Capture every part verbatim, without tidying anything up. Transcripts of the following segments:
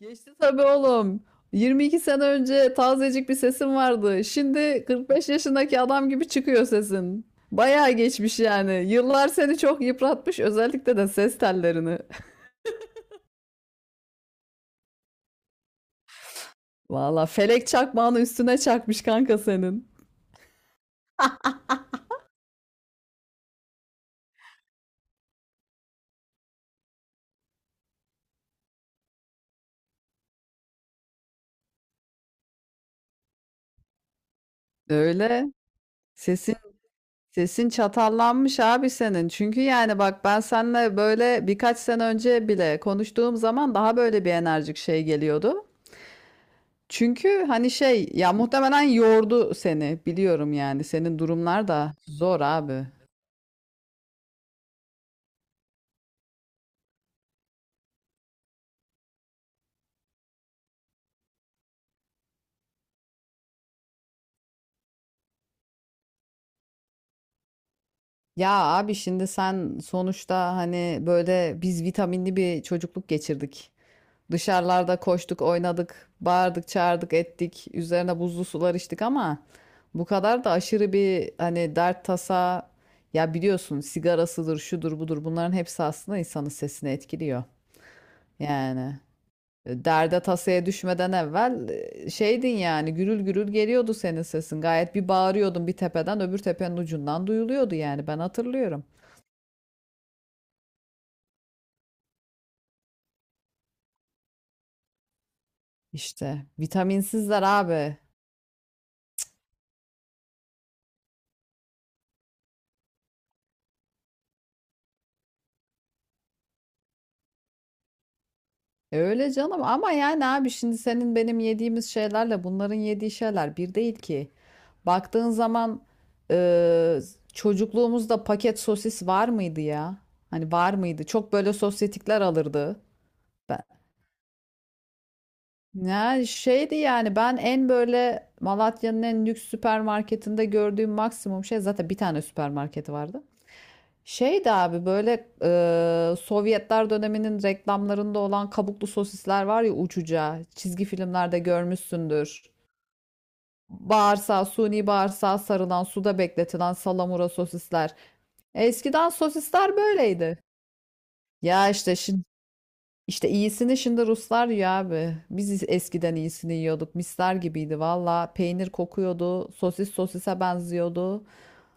Geçti tabii oğlum. yirmi iki sene önce tazecik bir sesin vardı. Şimdi kırk beş yaşındaki adam gibi çıkıyor sesin. Bayağı geçmiş yani. Yıllar seni çok yıpratmış, özellikle de ses tellerini. Valla felek çakmağını üstüne çakmış kanka senin. Öyle. Sesin sesin çatallanmış abi senin. Çünkü yani bak ben seninle böyle birkaç sene önce bile konuştuğum zaman daha böyle bir enerjik şey geliyordu. Çünkü hani şey ya muhtemelen yordu seni biliyorum yani senin durumlar da zor abi. Ya abi şimdi sen sonuçta hani böyle biz vitaminli bir çocukluk geçirdik. Dışarılarda koştuk, oynadık, bağırdık, çağırdık, ettik. Üzerine buzlu sular içtik ama bu kadar da aşırı bir hani dert tasa ya biliyorsun sigarasıdır, şudur budur bunların hepsi aslında insanın sesini etkiliyor. Yani E, derde tasaya düşmeden evvel e, şeydin yani gürül gürül geliyordu senin sesin. Gayet bir bağırıyordun, bir tepeden öbür tepenin ucundan duyuluyordu yani ben hatırlıyorum. İşte vitaminsizler abi. E öyle canım ama yani abi şimdi senin benim yediğimiz şeylerle bunların yediği şeyler bir değil ki. Baktığın zaman e, çocukluğumuzda paket sosis var mıydı ya? Hani var mıydı? Çok böyle sosyetikler alırdı. Ya şeydi yani ben en böyle Malatya'nın en lüks süpermarketinde gördüğüm maksimum şey, zaten bir tane süpermarketi vardı. Şeydi abi böyle e, Sovyetler döneminin reklamlarında olan kabuklu sosisler var ya, uçuca çizgi filmlerde görmüşsündür. Bağırsağı, suni bağırsağa sarılan, suda bekletilen salamura sosisler. Eskiden sosisler böyleydi. Ya işte İşte iyisini şimdi Ruslar yiyor abi. Biz eskiden iyisini yiyorduk. Misler gibiydi valla. Peynir kokuyordu. Sosis sosise benziyordu.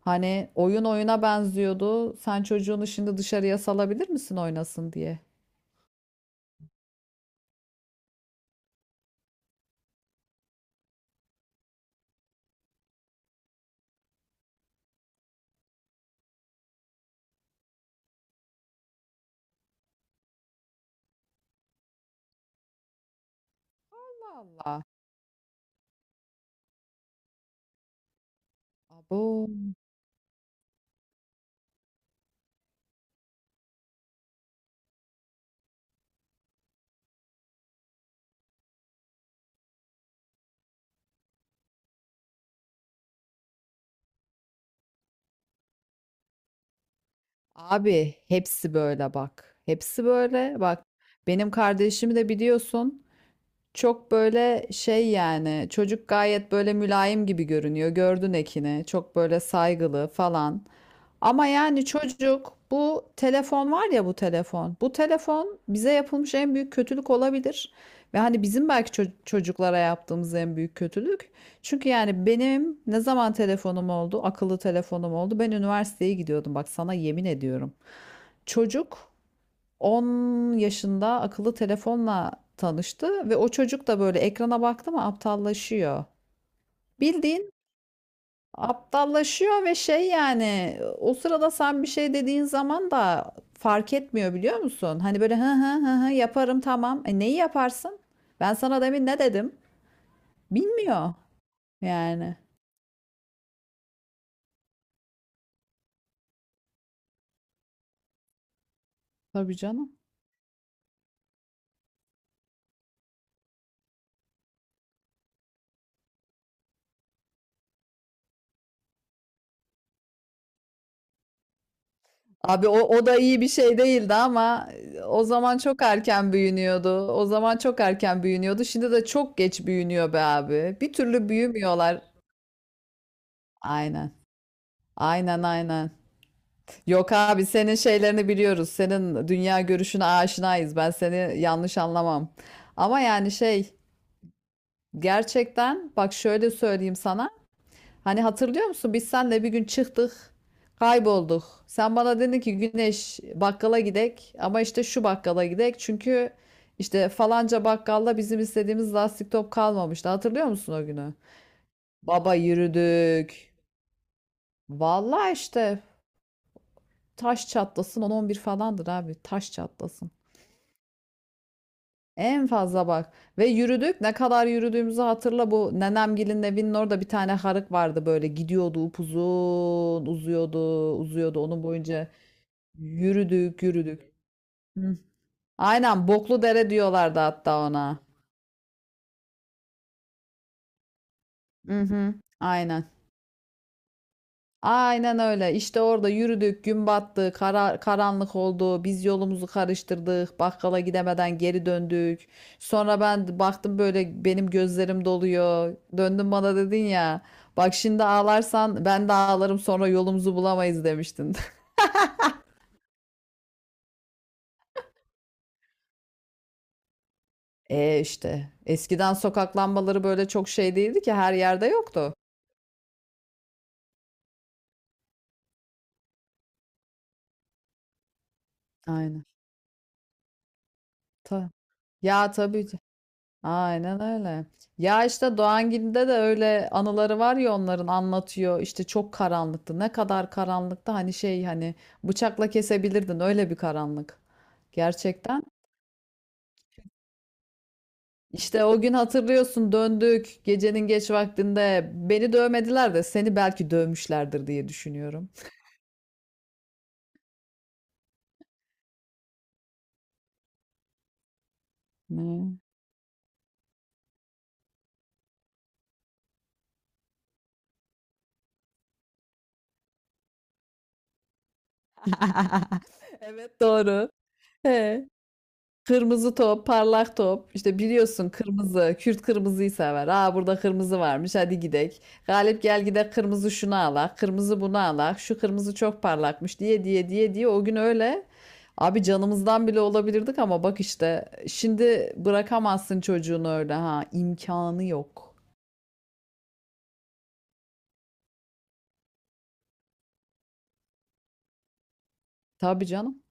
Hani oyun oyuna benziyordu. Sen çocuğunu şimdi dışarıya salabilir misin oynasın diye? Allah. Abo. Abi hepsi böyle bak. Hepsi böyle bak. Benim kardeşimi de biliyorsun. Çok böyle şey, yani çocuk gayet böyle mülayim gibi görünüyor. Gördün Ekin'i. Çok böyle saygılı falan. Ama yani çocuk, bu telefon var ya, bu telefon. Bu telefon bize yapılmış en büyük kötülük olabilir. Ve hani bizim belki ço- çocuklara yaptığımız en büyük kötülük. Çünkü yani benim ne zaman telefonum oldu, akıllı telefonum oldu? Ben üniversiteye gidiyordum, bak sana yemin ediyorum. Çocuk on yaşında akıllı telefonla tanıştı ve o çocuk da böyle ekrana baktı mı aptallaşıyor. Bildiğin aptallaşıyor ve şey, yani o sırada sen bir şey dediğin zaman da fark etmiyor, biliyor musun? Hani böyle hı hı hı hı yaparım tamam. E neyi yaparsın? Ben sana demin ne dedim? Bilmiyor yani. Tabii canım. Abi o, o da iyi bir şey değildi ama o zaman çok erken büyünüyordu. O zaman çok erken büyünüyordu. Şimdi de çok geç büyünüyor be abi. Bir türlü büyümüyorlar. Aynen. Aynen, aynen. Yok abi, senin şeylerini biliyoruz. Senin dünya görüşüne aşinayız. Ben seni yanlış anlamam. Ama yani şey, gerçekten bak şöyle söyleyeyim sana. Hani hatırlıyor musun? Biz seninle bir gün çıktık. Kaybolduk. Sen bana dedin ki, Güneş bakkala gidek ama işte şu bakkala gidek. Çünkü işte falanca bakkalda bizim istediğimiz lastik top kalmamıştı. Hatırlıyor musun o günü? Baba yürüdük. Vallahi işte, taş çatlasın on on bir falandır abi. Taş çatlasın. En fazla bak. Ve yürüdük. Ne kadar yürüdüğümüzü hatırla. Bu nenemgilin evinin orada bir tane harık vardı böyle. Gidiyordu upuzun. Uzuyordu. Uzuyordu. Onun boyunca yürüdük yürüdük. Hı. Aynen. Boklu dere diyorlardı hatta ona. Hı hı. Aynen. Aynen öyle. İşte orada yürüdük, gün battı, kara- karanlık oldu. Biz yolumuzu karıştırdık. Bakkala gidemeden geri döndük. Sonra ben baktım böyle, benim gözlerim doluyor. Döndün bana dedin ya, bak şimdi ağlarsan ben de ağlarım, sonra yolumuzu bulamayız, demiştin. E işte eskiden sokak lambaları böyle çok şey değildi ki, her yerde yoktu. Aynen. Ta- ya tabii. Aynen öyle. Ya işte Doğangil'de de öyle anıları var ya, onların anlatıyor. İşte çok karanlıktı. Ne kadar karanlıktı, hani şey hani bıçakla kesebilirdin öyle bir karanlık. Gerçekten. İşte o gün hatırlıyorsun, döndük gecenin geç vaktinde. Beni dövmediler de seni belki dövmüşlerdir diye düşünüyorum. Ne? Evet, doğru. He. Kırmızı top, parlak top. İşte biliyorsun, kırmızı, Kürt kırmızıyı sever. Aa burada kırmızı varmış, hadi gidek. Galip gel gidek, kırmızı şunu alak, kırmızı bunu alak, şu kırmızı çok parlakmış diye diye diye diye o gün öyle. Abi canımızdan bile olabilirdik ama bak, işte şimdi bırakamazsın çocuğunu öyle, ha, imkanı yok. Tabii canım,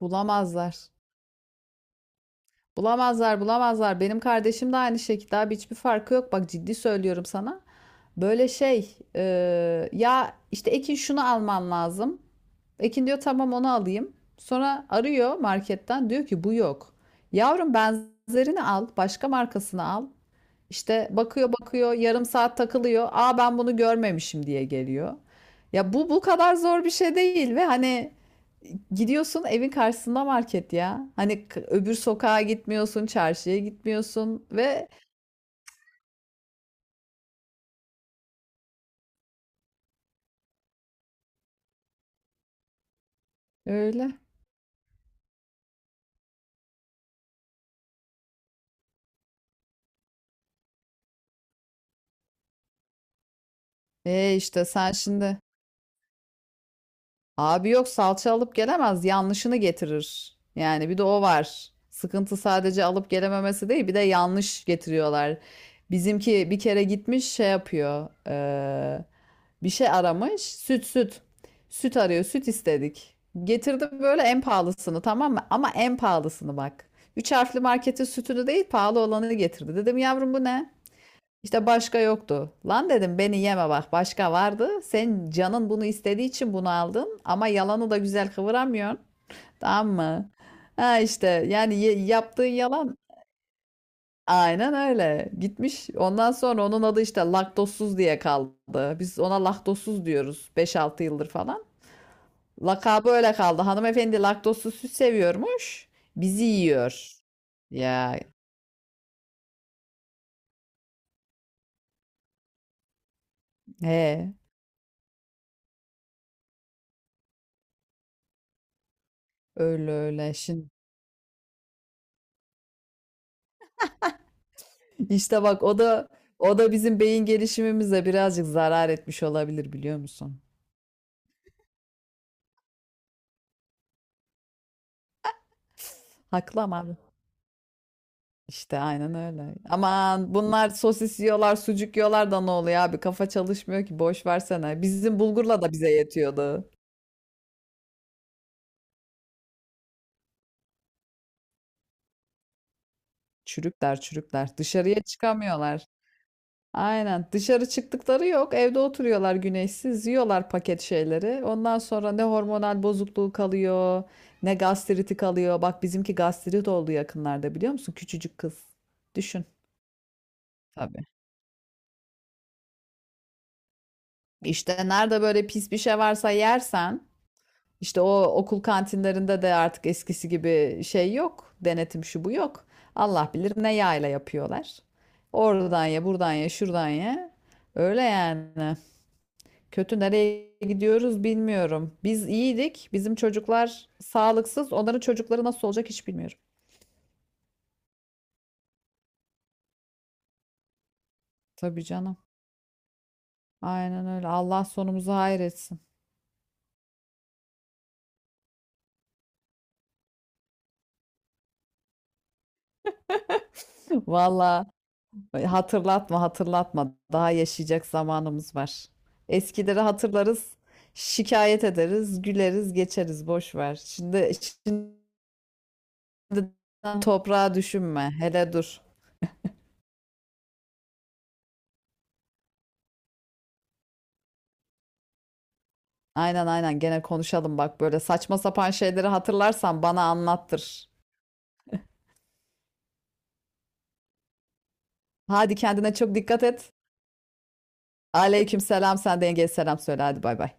bulamazlar. Bulamazlar, bulamazlar. Benim kardeşim de aynı şekilde abi, hiçbir farkı yok. Bak ciddi söylüyorum sana. Böyle şey e, ya işte Ekin şunu alman lazım. Ekin diyor tamam, onu alayım. Sonra arıyor marketten, diyor ki bu yok. Yavrum benzerini al, başka markasını al. İşte bakıyor bakıyor yarım saat takılıyor. Aa ben bunu görmemişim diye geliyor. Ya bu bu kadar zor bir şey değil ve hani gidiyorsun, evin karşısında market ya. Hani k- öbür sokağa gitmiyorsun, çarşıya gitmiyorsun ve öyle. E işte sen şimdi, abi, yok salça alıp gelemez, yanlışını getirir. Yani bir de o var. Sıkıntı sadece alıp gelememesi değil, bir de yanlış getiriyorlar. Bizimki bir kere gitmiş şey yapıyor. eee, bir şey aramış, süt süt. Süt arıyor, süt istedik. Getirdim böyle en pahalısını, tamam mı? Ama en pahalısını bak. Üç harfli marketin sütünü değil, pahalı olanını getirdi. Dedim, yavrum bu ne? İşte başka yoktu. Lan dedim, beni yeme bak, başka vardı. Sen canın bunu istediği için bunu aldın ama yalanı da güzel kıvıramıyorsun. Tamam mı? Ha işte yani ye- yaptığın yalan, aynen öyle. Gitmiş, ondan sonra onun adı işte laktozsuz diye kaldı. Biz ona laktozsuz diyoruz beş altı yıldır falan. Lakabı öyle kaldı. Hanımefendi laktozsuz süt seviyormuş. Bizi yiyor. Ya he, öyle öyle. Şimdi, İşte bak, o da o da bizim beyin gelişimimize birazcık zarar etmiş olabilir, biliyor musun? Haklı ama abi. İşte aynen öyle. Aman, bunlar sosis yiyorlar, sucuk yiyorlar da ne oluyor abi? Kafa çalışmıyor ki, boş versene. Bizim bulgurla da bize yetiyordu. Çürükler çürükler. Dışarıya çıkamıyorlar. Aynen. Dışarı çıktıkları yok. Evde oturuyorlar güneşsiz. Yiyorlar paket şeyleri. Ondan sonra ne hormonal bozukluğu kalıyor, ne gastriti kalıyor. Bak bizimki gastrit oldu yakınlarda, biliyor musun? Küçücük kız. Düşün. Tabii. İşte nerede böyle pis bir şey varsa yersen, işte o okul kantinlerinde de artık eskisi gibi şey yok. Denetim şu bu yok. Allah bilir ne yağla yapıyorlar. Oradan ye, buradan ye, şuradan ye. Öyle yani. Kötü, nereye gidiyoruz bilmiyorum. Biz iyiydik. Bizim çocuklar sağlıksız. Onların çocukları nasıl olacak hiç bilmiyorum. Tabii canım. Aynen öyle. Allah sonumuzu hayretsin. Valla hatırlatma, hatırlatma. Daha yaşayacak zamanımız var. Eskileri hatırlarız. Şikayet ederiz, güleriz, geçeriz. Boş ver. Şimdi, şimdi toprağa düşünme. Hele dur. Aynen, aynen, gene konuşalım bak, böyle saçma sapan şeyleri hatırlarsan bana anlattır. Hadi kendine çok dikkat et. Aleyküm selam. Sen de yengeye selam söyle. Hadi bay bay.